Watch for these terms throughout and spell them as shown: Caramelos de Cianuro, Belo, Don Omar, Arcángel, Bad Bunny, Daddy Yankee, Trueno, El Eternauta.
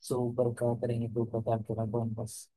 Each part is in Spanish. Súper catering y tú total que me cuentas.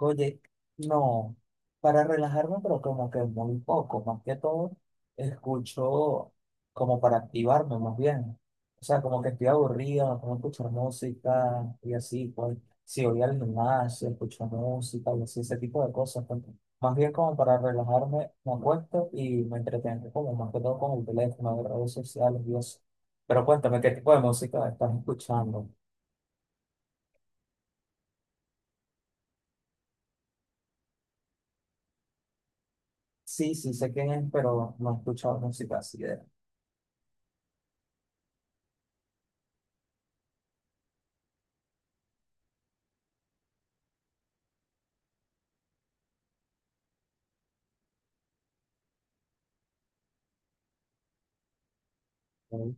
Oye, no, para relajarme, pero como que muy poco, más que todo, escucho como para activarme más bien. O sea, como que estoy aburrido, no puedo escuchar música y así, pues, si voy al gimnasio, escucho música y así, ese tipo de cosas. Pues, más bien como para relajarme, me acuesto y me entretengo, como más que todo con el teléfono, de redes sociales y eso. Pero cuéntame, ¿qué tipo de música estás escuchando? Sí, sí, sé quién es, pero no he escuchado música así de él. Mm.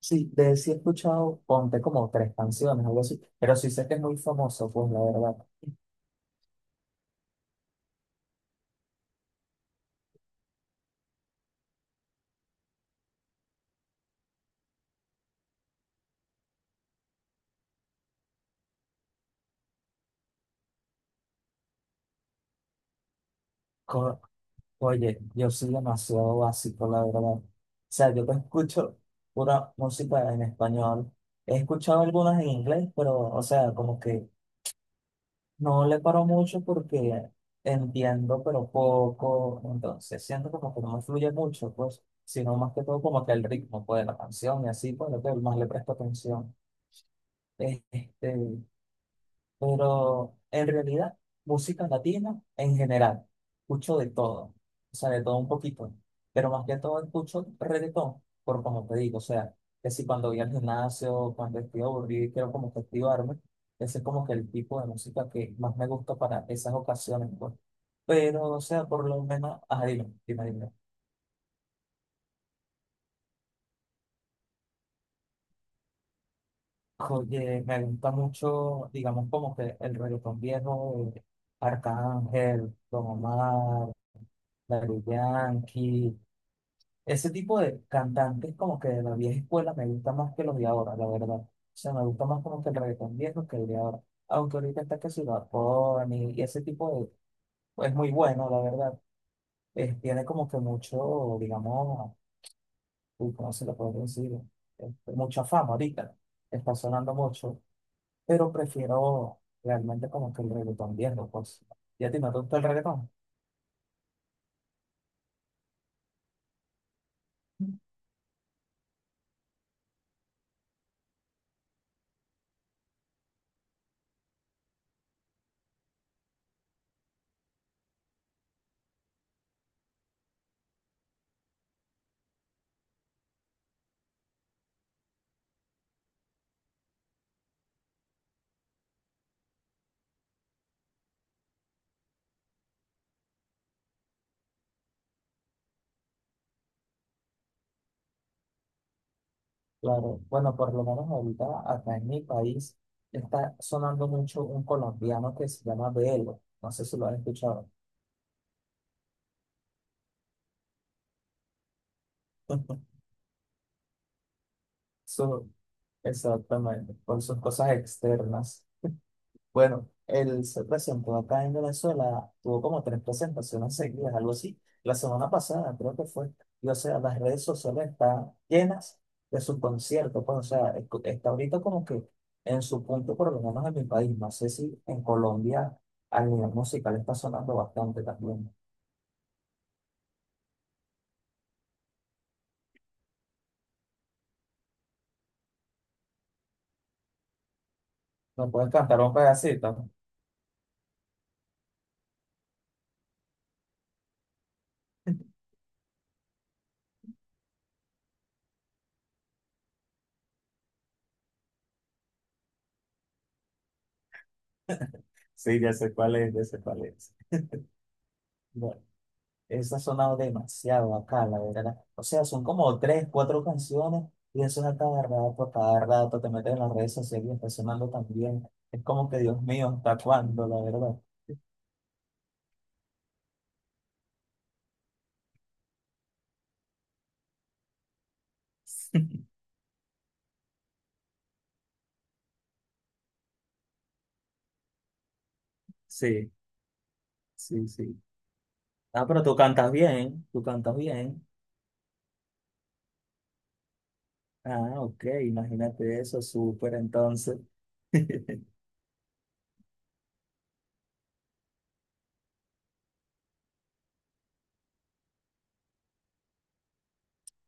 Sí, de él sí he escuchado, ponte como tres canciones, algo así, pero sí sé que es muy famoso, pues la verdad. Co- Oye, yo soy demasiado básico, la verdad. O sea, yo te escucho pura música en español. He escuchado algunas en inglés, pero, o sea, como que no le paro mucho porque entiendo, pero poco, entonces siento como que no me fluye mucho, pues, sino más que todo como que el ritmo, pues, de la canción y así, pues, lo que más le presto atención. Este, pero en realidad, música latina en general, escucho de todo, o sea, de todo un poquito, pero más que todo escucho reggaetón, por como te digo, o sea, que si cuando voy al gimnasio, cuando estoy aburrido y quiero como que activarme, ese es como que el tipo de música que más me gusta para esas ocasiones, pues. Pero, o sea, por lo menos, ajá, dime, dime, dime. Oye, me gusta mucho, digamos, como que el reggaetón viejo, de Arcángel, Don Omar, Daddy Yankee, ese tipo de cantantes como que de la vieja escuela me gusta más que los de ahora, la verdad. O sea, me gusta más como que el reggaetón viejo que el de ahora. Aunque ahorita está que si Bad Bunny y ese tipo de, pues muy bueno, la verdad. Tiene como que mucho, digamos, uy, ¿cómo se lo puedo decir? Mucha fama ahorita, está sonando mucho, pero prefiero realmente como que el reggaetón viejo, pues. ¿Y a ti no te gusta el reggaetón? Claro, bueno, por lo menos ahorita acá en mi país está sonando mucho un colombiano que se llama Belo, no sé si lo han escuchado. Su- exactamente, por sus cosas externas. Bueno, él se presentó acá en Venezuela, tuvo como tres presentaciones seguidas, algo así. La semana pasada creo que fue. Y o sea, las redes sociales están llenas de su concierto. Pues, o sea, está ahorita como que en su punto, por lo menos en mi país. No sé si en Colombia a nivel musical está sonando bastante también. ¿Me puedes cantar un pedacito? Sí, ya sé cuál es, ya sé cuál es. Esa ha sonado demasiado acá, la verdad. O sea, son como tres, cuatro canciones y eso es a cada rato, a cada rato. Te metes en las redes sociales y está sonando también. Es como que, Dios mío, ¿hasta cuándo, la verdad? Sí, sí, sí. Ah, pero tú cantas bien, tú cantas bien. Ah, ok, imagínate eso, súper entonces.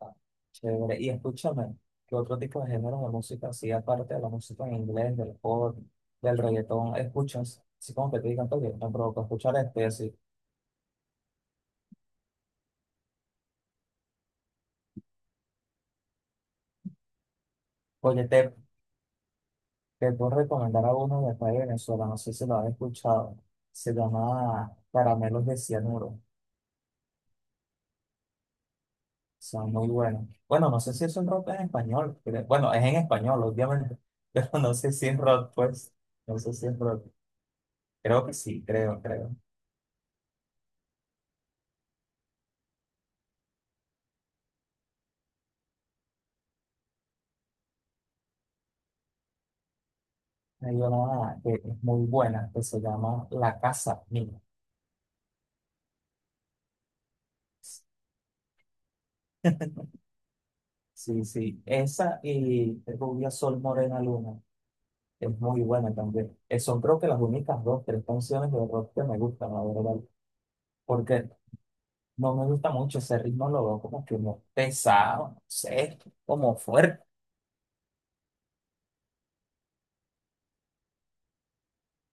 Ah, chévere. Y escúchame, ¿qué otro tipo de géneros de música, así aparte de la música en inglés, del pop, del reggaetón, escuchas? Así como que te digan, oye, me provoca escuchar este, así. Oye, te puedo recomendar a uno de acá de Venezuela, no sé si lo has escuchado. Se llama Caramelos de Cianuro. Son muy buenos. Bueno, no sé si es un rock en español. Bueno, es en español, obviamente, pero no sé si es rock, pues. No sé si es rock. Creo que sí, creo. Hay una que es muy buena, que se llama La Casa Mía. Sí, sí. Esa y Rubia Sol Morena Luna es muy buena también. Son creo que las únicas dos, tres canciones de rock que me gustan, la verdad. Porque no me gusta mucho ese ritmo, lo veo como que muy pesado, no sé, como fuerte.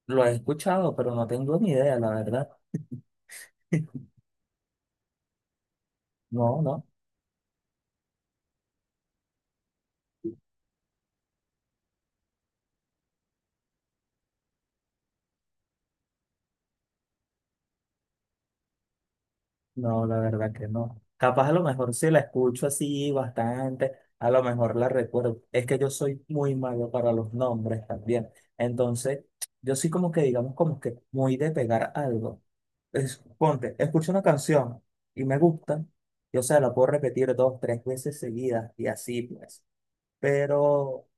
Lo he escuchado, pero no tengo ni idea, la verdad. No, no. No, la verdad que no. Capaz a lo mejor si la escucho así bastante, a lo mejor la recuerdo. Es que yo soy muy malo para los nombres también. Entonces, yo sí como que digamos como que muy de pegar algo. Es, ponte, escucho una canción y me gusta, y o sea, la puedo repetir dos, tres veces seguidas y así pues. Pero,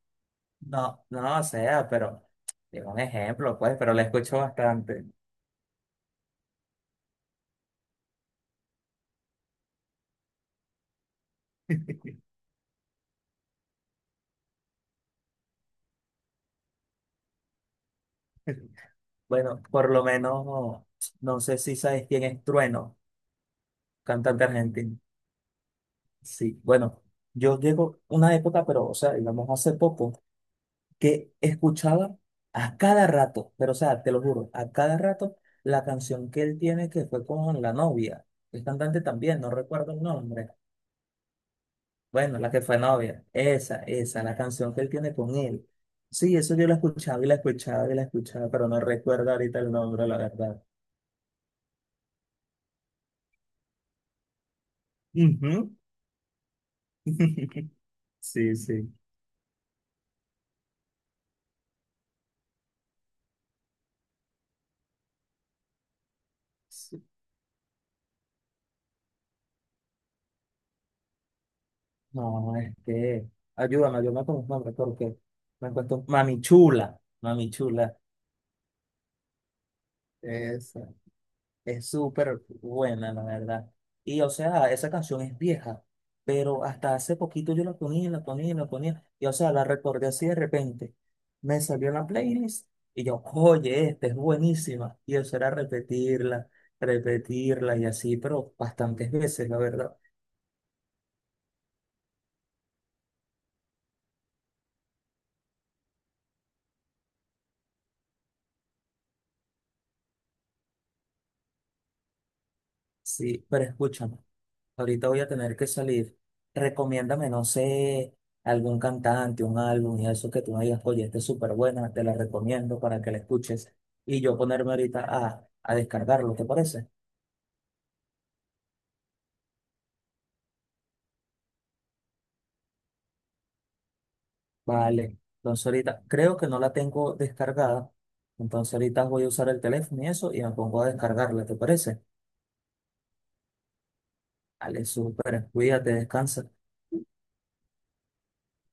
no, o sea, pero, digo un ejemplo pues, pero la escucho bastante. Bueno, por lo menos, no sé si sabes quién es Trueno, cantante argentino. Sí, bueno, yo llego una época, pero, o sea, digamos hace poco, que escuchaba a cada rato, pero, o sea, te lo juro, a cada rato la canción que él tiene que fue con la novia. El cantante también, no recuerdo el nombre. Bueno, la que fue novia, esa, la canción que él tiene con él. Sí, eso yo la escuchaba y la escuchaba y la escuchaba, pero no recuerdo ahorita el nombre, la verdad. Ujú. Sí, sí. Sí. No, es que, ayúdame, yo me confundo porque me cuesta Mami Chula, Mami Chula, esa, es súper buena, la verdad. Y o sea, esa canción es vieja, pero hasta hace poquito yo la ponía, la ponía, la ponía, y o sea, la recordé así de repente. Me salió en la playlist y yo, oye, esta es buenísima. Y eso era repetirla, repetirla y así, pero bastantes veces, la verdad. Sí, pero escúchame. Ahorita voy a tener que salir. Recomiéndame, no sé, algún cantante, un álbum y eso que tú me digas, oye, este es súper buena, te la recomiendo para que la escuches. Y yo ponerme ahorita a descargarlo, ¿te parece? Vale. Entonces ahorita creo que no la tengo descargada. Entonces ahorita voy a usar el teléfono y eso y me pongo a descargarla, ¿te parece? Vale, súper. Cuídate, descansa.